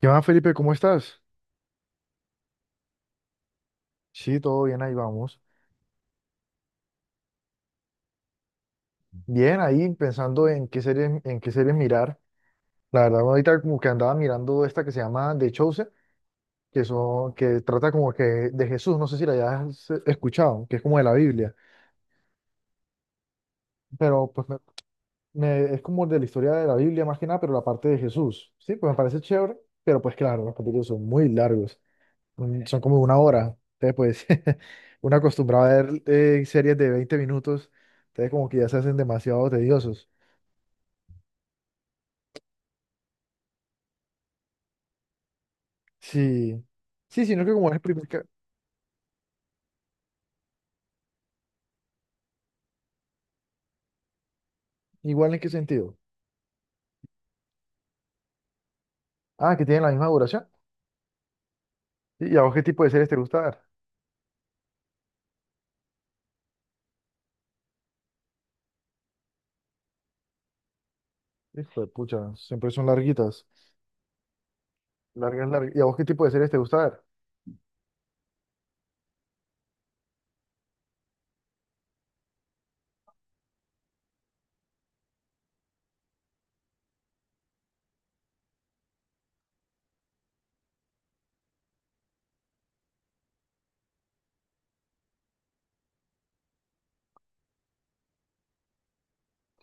¿Qué más, Felipe? ¿Cómo estás? Sí, todo bien, ahí vamos. Bien, ahí pensando en qué series mirar. La verdad, ahorita como que andaba mirando esta que se llama The Chosen, que, son, que trata como que de Jesús, no sé si la hayas escuchado, que es como de la Biblia, pero pues es como de la historia de la Biblia más que nada, pero la parte de Jesús. Sí, pues me parece chévere, pero pues claro, los capítulos son muy largos, son como 1 hora. Entonces, pues, uno acostumbrado a ver series de 20 minutos, entonces como que ya se hacen demasiado tediosos. Sí, sí, sino que como es el igual en qué sentido. Ah, que tienen la misma duración. ¿Y a vos qué tipo de series te gusta ver? Hijo de pucha, siempre son larguitas. Largas, largas. ¿Y a vos qué tipo de series te gusta ver?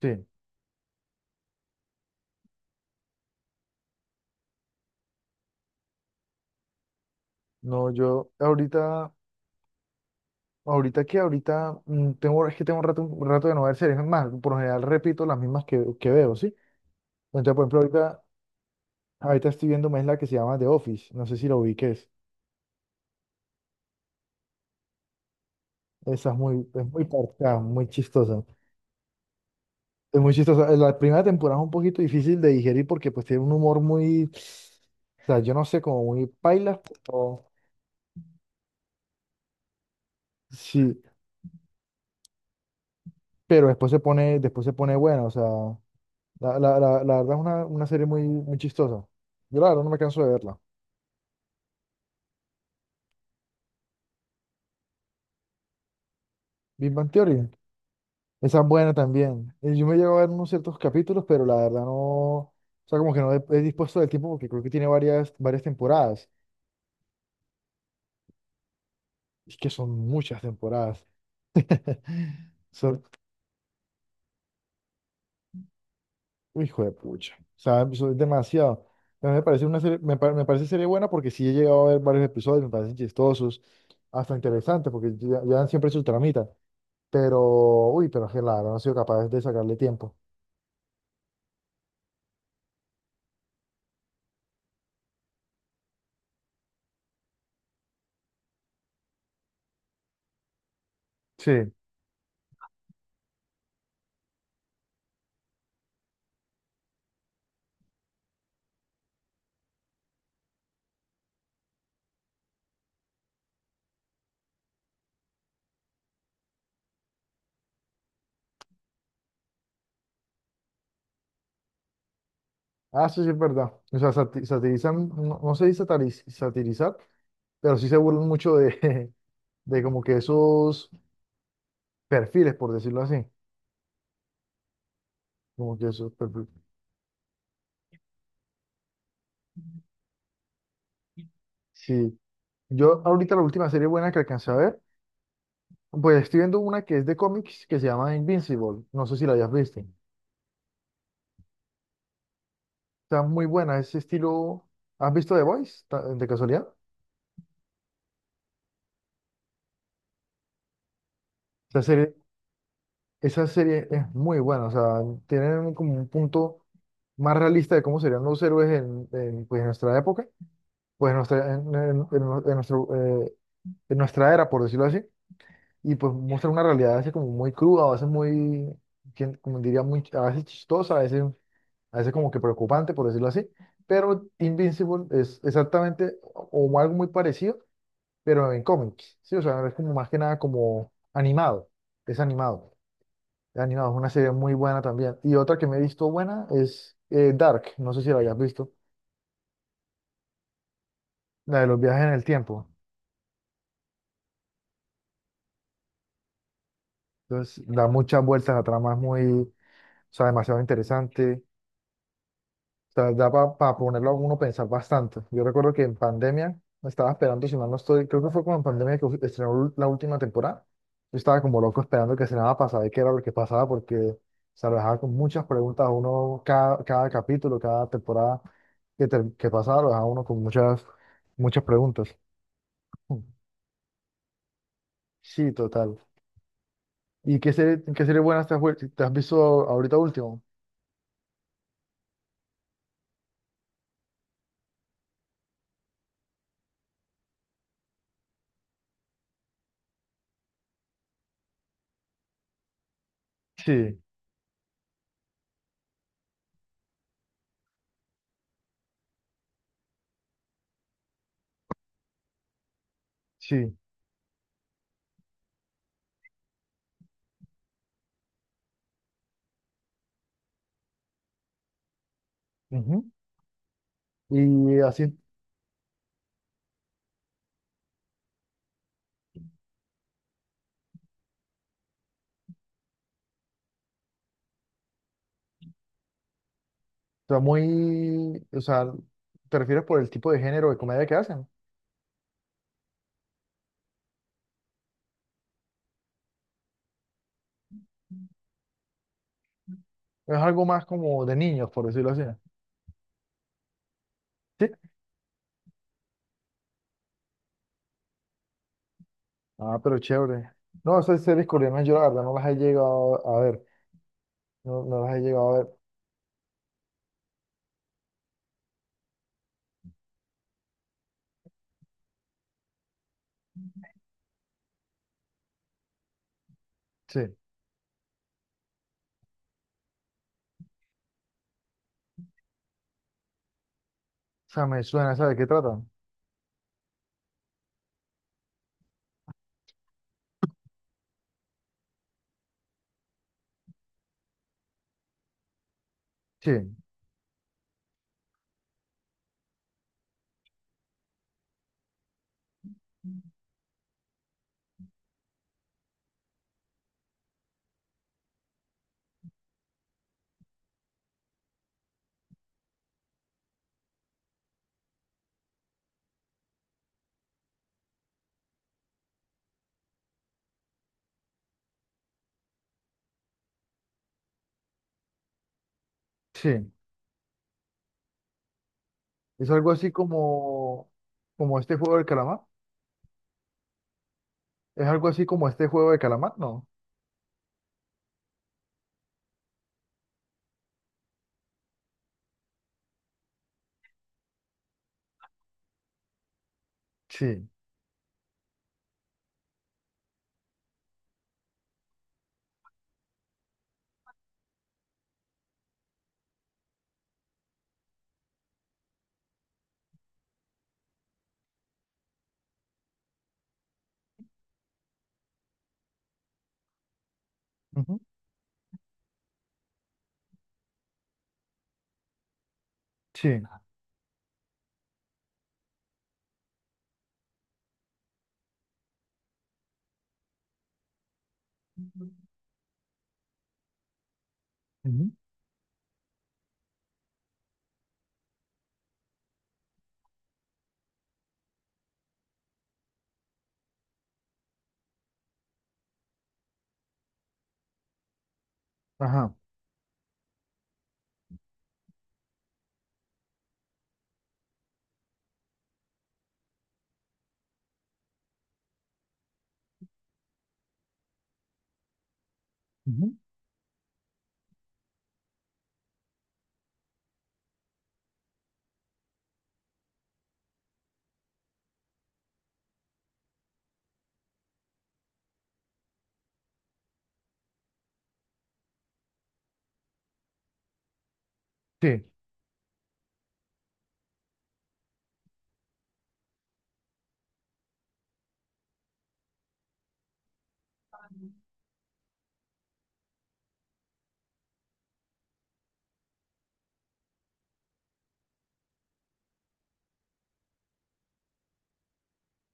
Sí. No, ahorita tengo, es que tengo un rato de no ver series. Es más, por lo general repito las mismas que veo, ¿sí? Entonces, por ejemplo, ahorita estoy viendo más la que se llama The Office. No sé si lo ubiques. Es muy parca, muy chistosa. Es muy chistoso. La primera temporada es un poquito difícil de digerir porque pues tiene un o sea, yo no sé, como muy paila, pero sí, pero después se pone buena, o sea, la verdad es una serie muy chistosa. Yo la verdad no me canso de verla. Big Bang Theory, esa es buena también. Yo me llevo a ver unos ciertos capítulos, pero la verdad no, o sea, como que no he, he dispuesto del tiempo porque creo que tiene varias temporadas. Es que son muchas temporadas. Son Hijo de pucha. O sea, eso es demasiado. A mí me parece una me parece serie buena porque sí he llegado a ver varios episodios, me parecen chistosos, hasta interesantes, porque llevan siempre su tramita. Pero, uy, pero que claro, no han sido capaces de sacarle tiempo. Sí, ah, eso sí es verdad. O sea, satirizan, no, no se dice satirizar, pero sí se burlan mucho de, de como que esos perfiles, por decirlo así. Como que esos perfiles. Sí. Yo ahorita la última serie buena que alcancé a ver. Pues estoy viendo una que es de cómics que se llama Invincible. No sé si la hayas visto. Está muy buena, ese estilo. ¿Has visto The Voice de casualidad? Esa serie, esa serie es muy buena. O sea, tienen como un punto más realista de cómo serían los héroes pues, en nuestra época, pues en nuestra, en nuestro, eh, en nuestra era, por decirlo así. Y pues muestra una realidad así como muy cruda, quien- como diría, muy, a veces chistosa, a veces como que preocupante, por decirlo así, pero Invincible es exactamente o algo muy parecido, pero en cómics, ¿sí? O sea, es como más que nada como animado, es animado, es animado, es una serie muy buena también. Y otra que me he visto buena es Dark, no sé si la hayas visto, la de los viajes en el tiempo. Entonces da muchas vueltas a tramas muy, o sea, demasiado interesante sea, da para ponerlo a uno a pensar bastante. Yo recuerdo que en pandemia me estaba esperando, si mal no estoy, creo que fue como en pandemia que estrenó la última temporada. Yo estaba como loco esperando que estrenara para saber qué era lo que pasaba, porque se lo dejaba con muchas preguntas a uno cada capítulo, cada temporada que pasaba, lo dejaba uno con muchas preguntas. Mm. Sí, total. ¿Y qué qué serie buena te has visto ahorita último? Sí, sí. Ujú. Y así sea, muy, o sea, ¿te refieres por el tipo de género de comedia que hacen? Es algo más como de niños, por decirlo así. Sí. Ah, pero chévere. No, esas series coreanas yo la verdad no las he llegado a ver. No, no las he llegado a ver. Sí. O sea, me suena, ¿sabes de qué tratan? Sí, sí. Es algo así como, como este juego del calamar. Es algo así como este juego del calamar, ¿no? Sí. Ujú. Sí. Ujú. Ajá. Ujú. Sí.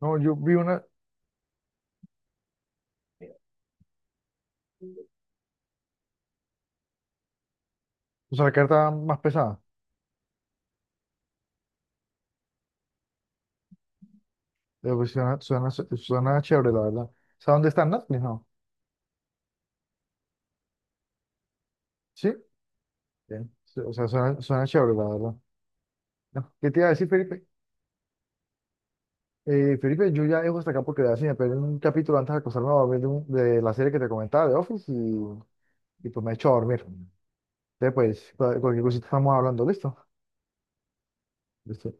No, yo vi una, o sea, la carta más pesada. Pues suena chévere, la verdad. ¿Sabes dónde están Netflix? No. ¿Sí? Bien. O sea, suena chévere, la verdad. No. ¿Qué te iba a decir, Felipe? Felipe, yo ya dejo hasta acá porque así me perdí un capítulo antes de acostarme a dormir de la serie que te comentaba, de Office, y pues me he hecho a dormir. Entonces, pues, cualquier cosita estamos hablando, ¿listo? Listo.